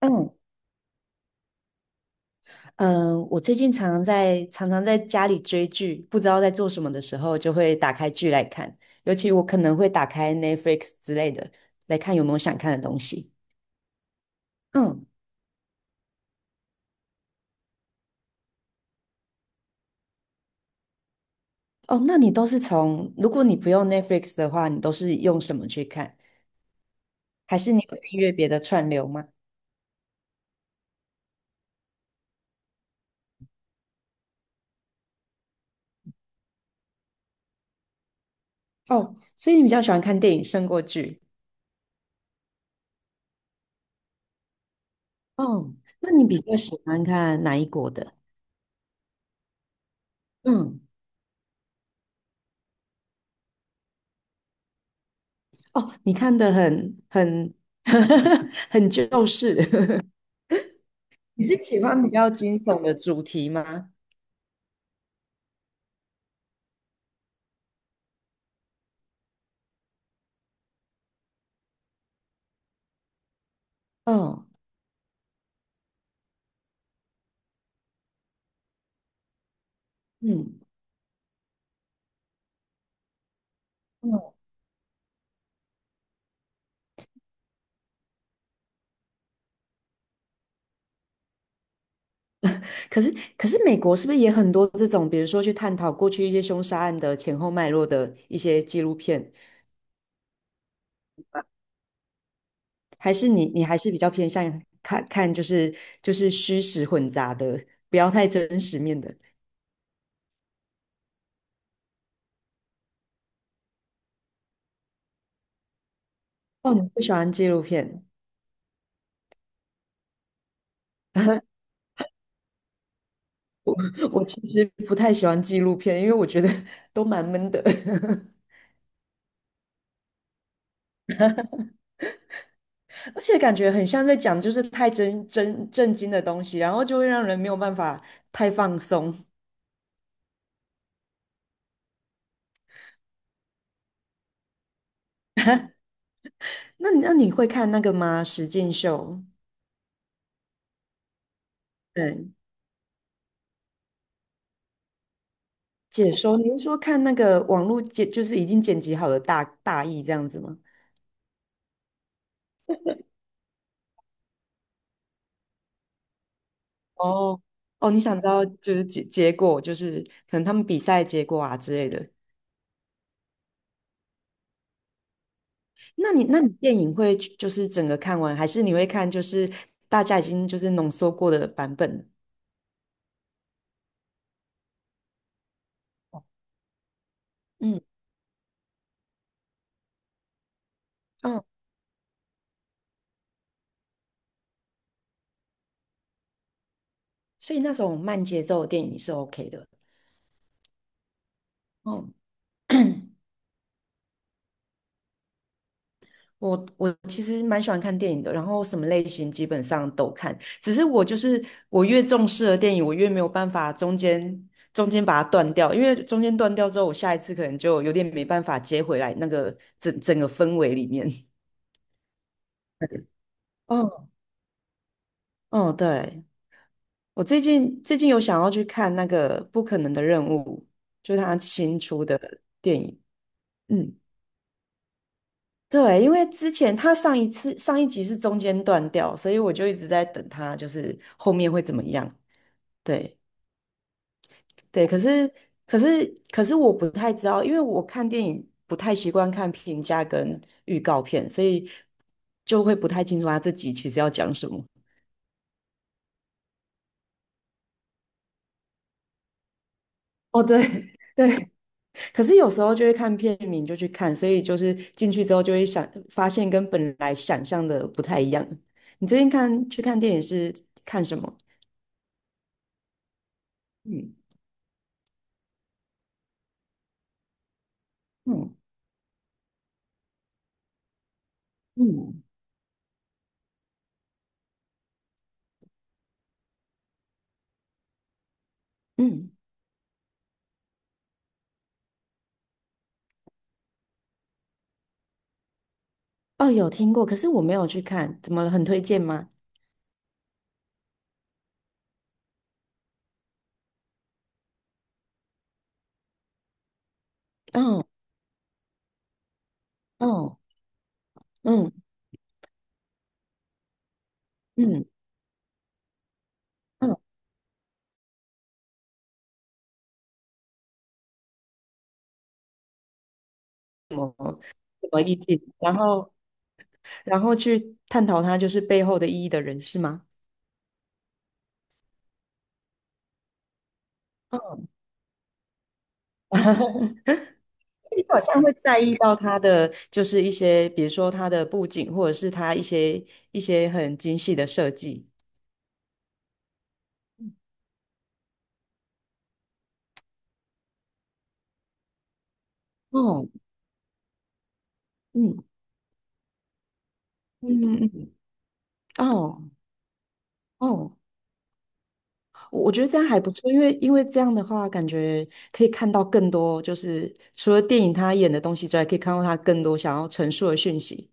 嗯，我最近常常在家里追剧，不知道在做什么的时候，就会打开剧来看。尤其我可能会打开 Netflix 之类的，来看有没有想看的东西。嗯，哦，那你都是从，如果你不用 Netflix 的话，你都是用什么去看？还是你有订阅别的串流吗？哦，所以你比较喜欢看电影胜过剧。哦，那你比较喜欢看哪一国的？嗯，哦，你看的很 很旧式。你是喜欢比较惊悚的主题吗？嗯嗯，嗯，可是可是美国是不是也很多这种，比如说去探讨过去一些凶杀案的前后脉络的一些纪录片？还是你还是比较偏向看看就是虚实混杂的，不要太真实面的？哦，你不喜欢纪录片？我其实不太喜欢纪录片，因为我觉得 都蛮闷的。而且感觉很像在讲就是太真震惊的东西，然后就会让人没有办法太放松。那你会看那个吗？实境秀，嗯，解说，你是说看那个网络剪，就是已经剪辑好的大意这样子吗？哦哦，你想知道就是结果，就是可能他们比赛结果啊之类的。那你电影会去就是整个看完，还是你会看就是大家已经就是浓缩过的版本？嗯嗯，所以那种慢节奏的电影你是 OK 的。哦，我其实蛮喜欢看电影的，然后什么类型基本上都看，只是我就是我越重视的电影，我越没有办法中间把它断掉，因为中间断掉之后，我下一次可能就有点没办法接回来那个整个氛围里面。嗯嗯，对，我最近有想要去看那个《不可能的任务》，就是他新出的电影。嗯。对，因为之前他上一集是中间断掉，所以我就一直在等他，就是后面会怎么样。对对，可是我不太知道，因为我看电影不太习惯看评价跟预告片，所以就会不太清楚他这集其实要讲什么。哦，对 对，可是有时候就会看片名就去看，所以就是进去之后就会想发现跟本来想象的不太一样。你最近去看电影是看什么？嗯嗯嗯。嗯，哦，有听过，可是我没有去看，怎么了？很推荐吗？哦，哦，嗯嗯嗯，什么意境？然后去探讨它就是背后的意义的人是吗？哦，你好像会在意到他的就是一些，比如说他的布景，或者是他一些很精细的设计。哦，嗯嗯嗯，嗯哦哦，我觉得这样还不错，因为这样的话，感觉可以看到更多，就是除了电影他演的东西之外，可以看到他更多想要陈述的讯息。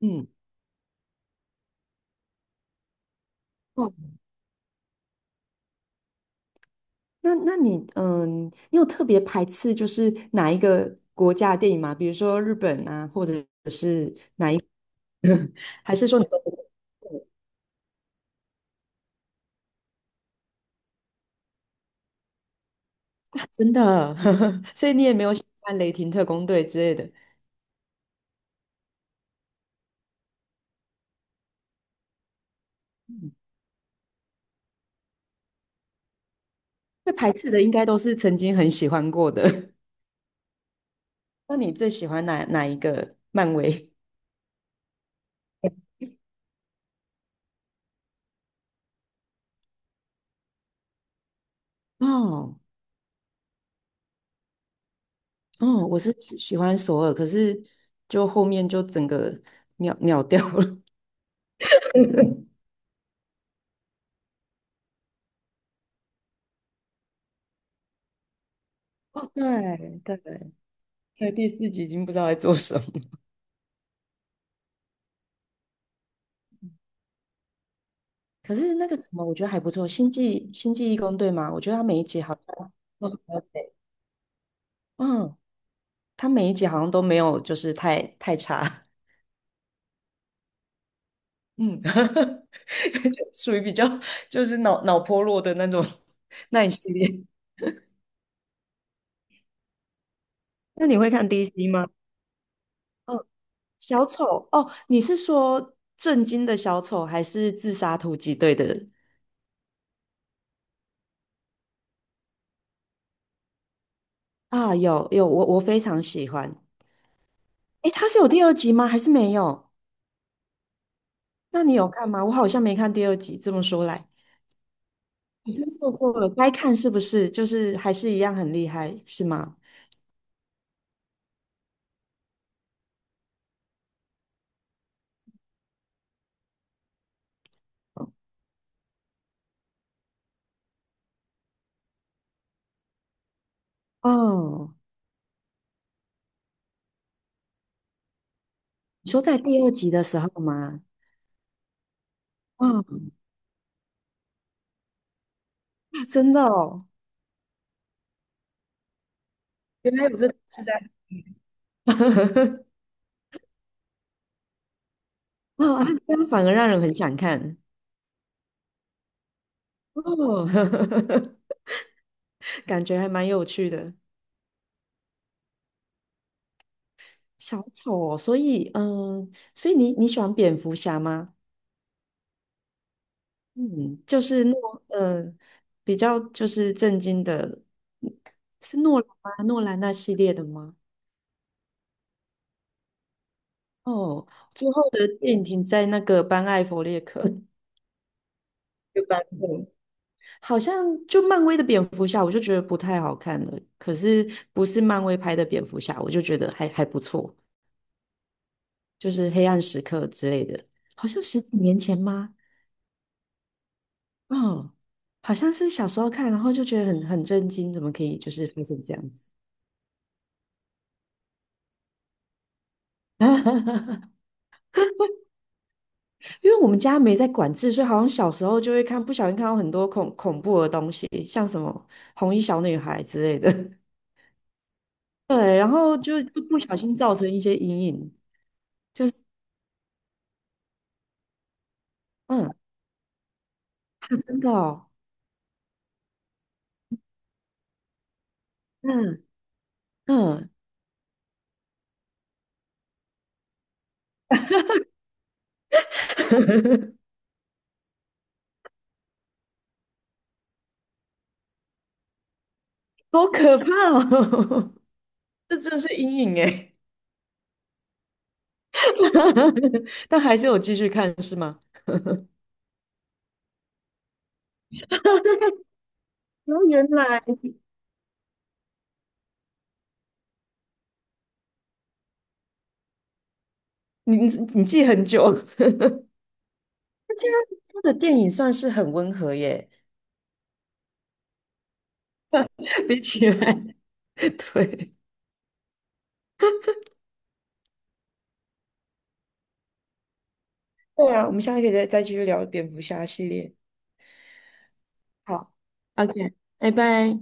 嗯，哦，那你有特别排斥就是哪一个国家的电影吗？比如说日本啊，或者 还是说你都不真的，所以你也没有喜欢《雷霆特工队》之类的？嗯，会排斥的应该都是曾经很喜欢过的。那你最喜欢哪一个漫威？哦。哦，我是喜欢索尔，可是就后面就整个秒掉了。哦，对对对，第四集已经不知道在做什么。可是那个什么，我觉得还不错，《星际义工队》嘛，我觉得他每一集好像都很有美嗯，它每一集好像都没有就是太差，嗯，就属于比较就是脑波弱的那种 那一系列。那你会看 DC 吗？小丑哦，你是说震惊的小丑，还是自杀突击队的？啊，有有，我非常喜欢。诶，他是有第二集吗？还是没有？那你有看吗？我好像没看第二集。这么说来，好像错过了，该看是不是？就是还是一样很厉害，是吗？哦，你说在第二集的时候吗？哦，啊真的哦 原来有这个期待。哦，啊这样反而让人很想看哦，感觉还蛮有趣的。小丑哦，所以你喜欢蝙蝠侠吗？嗯，就是比较就是震惊的，是诺兰吗？诺兰那系列的吗？哦，最后的电影停在那个班艾弗列克 的版本，好像就漫威的蝙蝠侠，我就觉得不太好看了。可是不是漫威拍的蝙蝠侠，我就觉得还不错，就是黑暗时刻之类的，好像十几年前吗？哦，好像是小时候看，然后就觉得很震惊，怎么可以就是发生这样子？因为我们家没在管制，所以好像小时候就会看，不小心看到很多恐怖的东西，像什么红衣小女孩之类的。对，然后就不小心造成一些阴影，就是嗯，啊真的哦，嗯嗯，好可怕哦，这真的是阴影哎。但还是有继续看是吗？哦，原来你你你记很久。他的电影算是很温和耶。比起来，对对啊，我们下次可以再继续聊蝙蝠侠系列。好，OK，拜拜。